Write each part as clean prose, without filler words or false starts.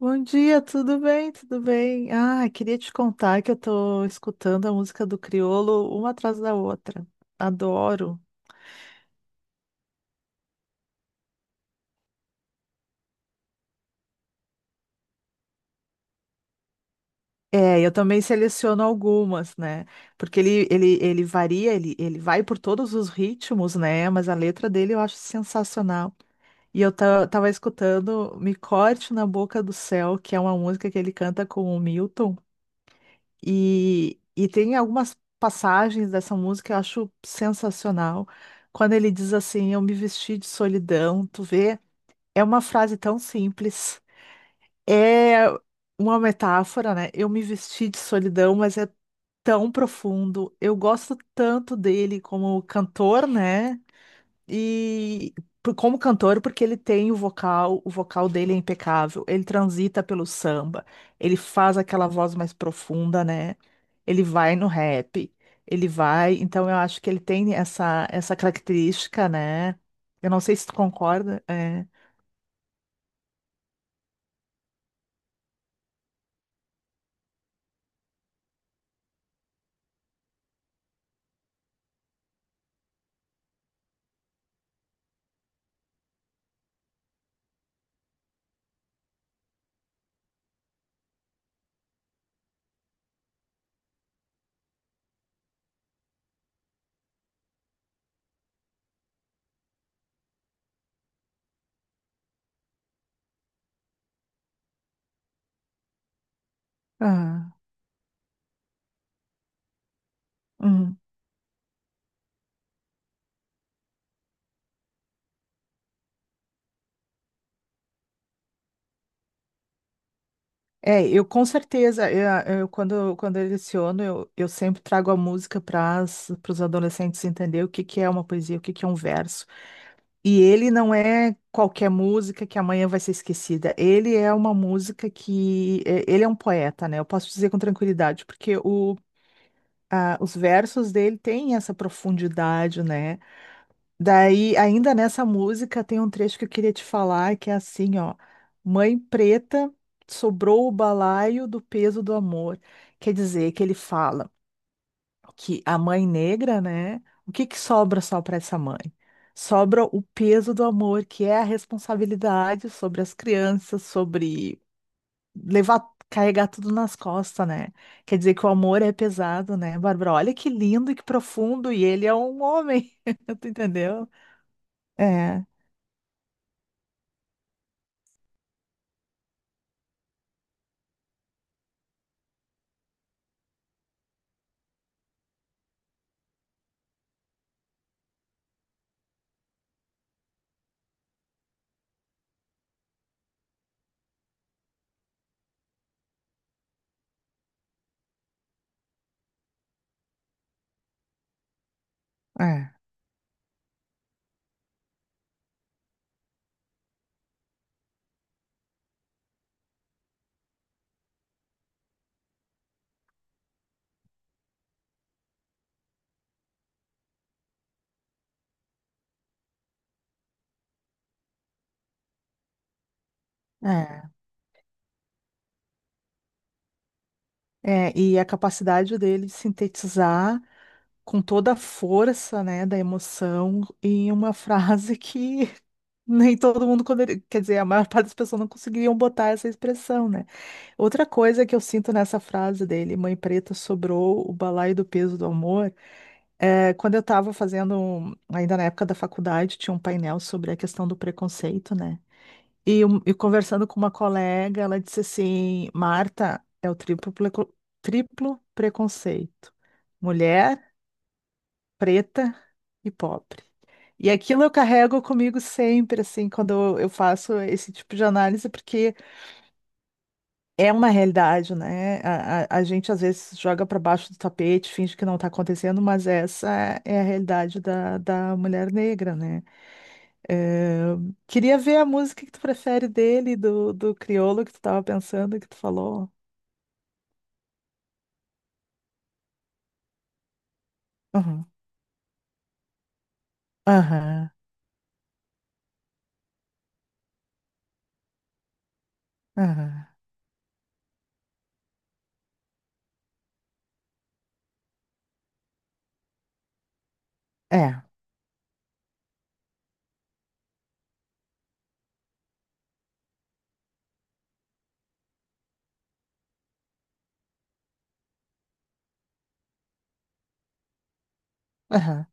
Bom dia, tudo bem? Tudo bem? Ah, queria te contar que eu tô escutando a música do Criolo uma atrás da outra. Adoro. É, eu também seleciono algumas, né? Porque ele varia, ele vai por todos os ritmos, né? Mas a letra dele eu acho sensacional. E eu tava escutando Me Corte na Boca do Céu, que é uma música que ele canta com o Milton. E tem algumas passagens dessa música que eu acho sensacional. Quando ele diz assim, eu me vesti de solidão, tu vê, é uma frase tão simples. É uma metáfora, né? Eu me vesti de solidão, mas é tão profundo. Eu gosto tanto dele como cantor, né? E como cantor, porque ele tem o vocal dele é impecável, ele transita pelo samba, ele faz aquela voz mais profunda, né? Ele vai no rap, ele vai, então eu acho que ele tem essa característica, né? Eu não sei se tu concorda, é. Ah, hum. É, eu com certeza, quando, quando eu leciono, eu sempre trago a música para os adolescentes entender o que que é uma poesia, o que que é um verso. E ele não é qualquer música que amanhã vai ser esquecida. Ele é uma música que. Ele é um poeta, né? Eu posso dizer com tranquilidade, porque os versos dele têm essa profundidade, né? Daí, ainda nessa música, tem um trecho que eu queria te falar, que é assim, ó. Mãe preta, sobrou o balaio do peso do amor. Quer dizer, que ele fala que a mãe negra, né? O que que sobra só para essa mãe? Sobra o peso do amor, que é a responsabilidade sobre as crianças, sobre levar, carregar tudo nas costas, né? Quer dizer que o amor é pesado, né, Bárbara? Olha que lindo e que profundo, e ele é um homem, tu entendeu? É, é, é, é. E a capacidade dele de sintetizar com toda a força, né, da emoção em uma frase que nem todo mundo, quer dizer, a maior parte das pessoas não conseguiriam botar essa expressão, né? Outra coisa que eu sinto nessa frase dele, Mãe Preta sobrou o balaio do peso do amor, é, quando eu estava ainda na época da faculdade, tinha um painel sobre a questão do preconceito, né? E conversando com uma colega, ela disse assim: Marta, é o triplo, triplo preconceito. Mulher preta e pobre. E aquilo eu carrego comigo sempre, assim, quando eu faço esse tipo de análise, porque é uma realidade, né? A gente às vezes joga para baixo do tapete, finge que não está acontecendo, mas essa é a realidade da mulher negra, né? Eh, queria ver a música que tu prefere dele, do Criolo que tu estava pensando, que tu falou. Aham, aham, aham, é, aham,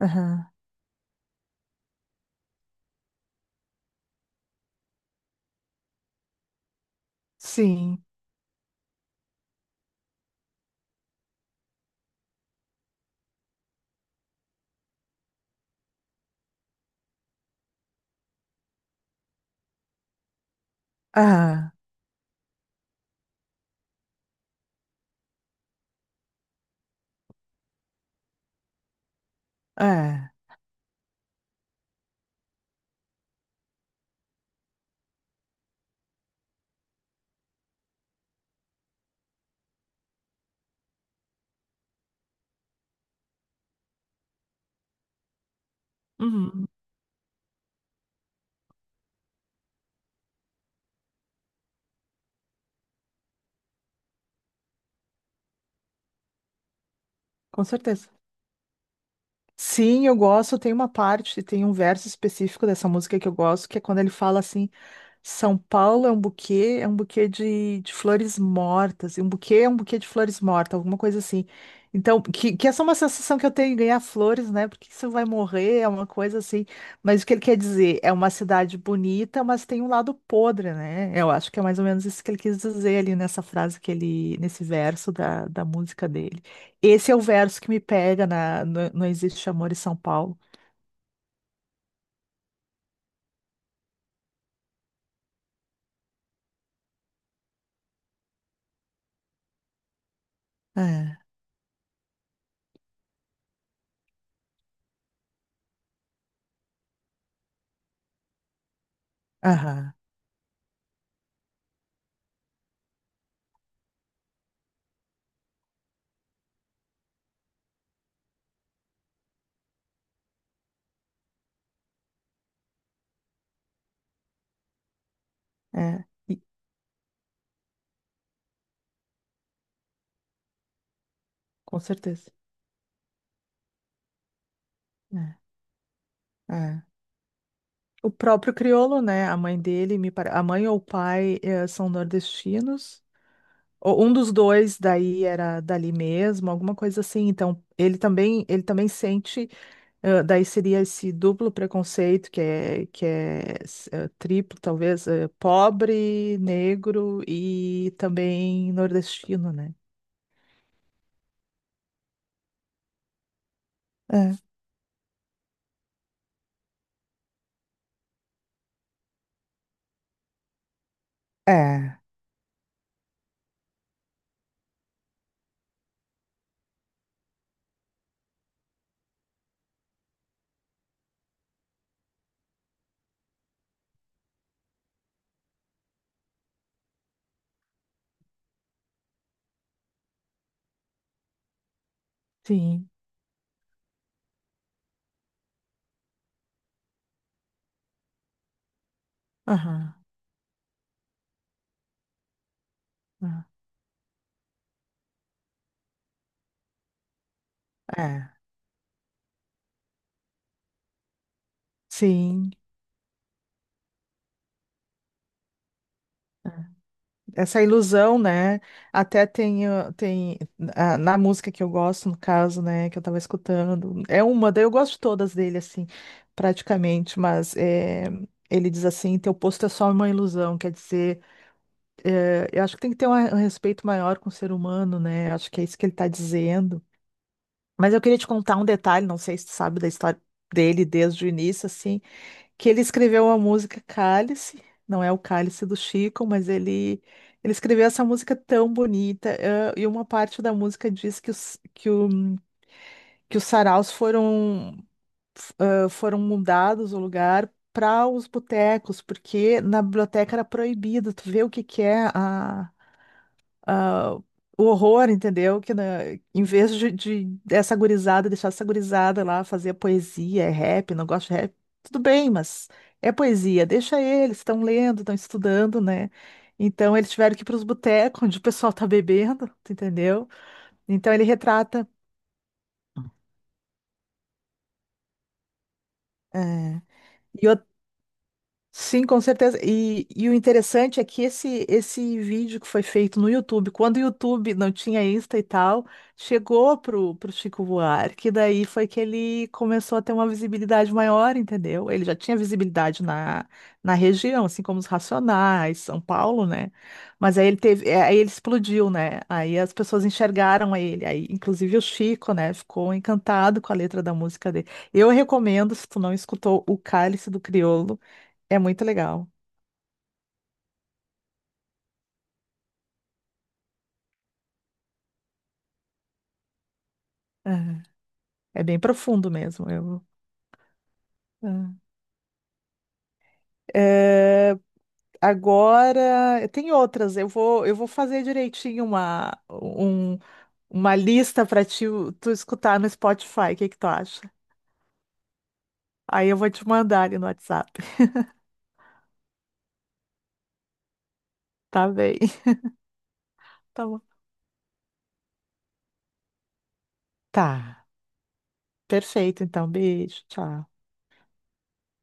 aham, sim, aham, é. Uhum. Com certeza. Sim, eu gosto. Tem uma parte, tem um verso específico dessa música que eu gosto, que é quando ele fala assim. São Paulo é um buquê de flores mortas. E um buquê é um buquê de flores mortas, alguma coisa assim. Então, que essa é uma sensação que eu tenho, em ganhar flores, né? Porque isso vai morrer, é uma coisa assim. Mas o que ele quer dizer? É uma cidade bonita, mas tem um lado podre, né? Eu acho que é mais ou menos isso que ele quis dizer ali nessa frase que ele, nesse verso da música dele. Esse é o verso que me pega na Não Existe Amor em São Paulo. É, aham, é, com certeza. É, é. O próprio crioulo, né? A mãe dele, a mãe ou o pai são nordestinos. Ou um dos dois daí era dali mesmo, alguma coisa assim. Então, ele também sente, daí seria esse duplo preconceito que é triplo, talvez, pobre, negro e também nordestino, né? É, é, sim. Aham. Aham. É. Sim. Essa ilusão, né? Até tem, na música que eu gosto, no caso, né, que eu tava escutando, é uma, daí eu gosto de todas dele, assim, praticamente, mas é, ele diz assim, teu posto é só uma ilusão, quer dizer, é, eu acho que tem que ter um respeito maior com o ser humano, né? Acho que é isso que ele tá dizendo. Mas eu queria te contar um detalhe, não sei se tu sabe da história dele desde o início, assim que ele escreveu a música Cálice, não é o Cálice do Chico, mas ele escreveu essa música tão bonita, e uma parte da música diz que os saraus foram mudados o lugar para os botecos, porque na biblioteca era proibido, tu vê o que que é ah, o horror, entendeu? Que né, em vez de dessa gurizada, deixar essa gurizada lá fazer poesia, é rap, não gosto de rap, tudo bem, mas é poesia, deixa eles, estão lendo, estão estudando, né? Então eles tiveram que ir para os botecos onde o pessoal tá bebendo, tu entendeu? Então ele retrata. é, E Sim, com certeza. E o interessante é que esse vídeo que foi feito no YouTube, quando o YouTube não tinha Insta e tal, chegou pro Chico Buarque, daí foi que ele começou a ter uma visibilidade maior, entendeu? Ele já tinha visibilidade na região, assim como os Racionais, São Paulo, né? Mas aí ele aí ele explodiu, né? Aí as pessoas enxergaram ele. Aí, inclusive o Chico, né, ficou encantado com a letra da música dele. Eu recomendo, se tu não escutou, O Cálice do Crioulo. É muito legal. Aham. É bem profundo mesmo. Eu... Ah, é, agora, tem outras. Eu vou fazer direitinho uma lista para ti, tu escutar no Spotify. O que que tu acha? Aí eu vou te mandar ali no WhatsApp. Tá bem. Tá bom. Tá. Perfeito, então. Beijo. Tchau.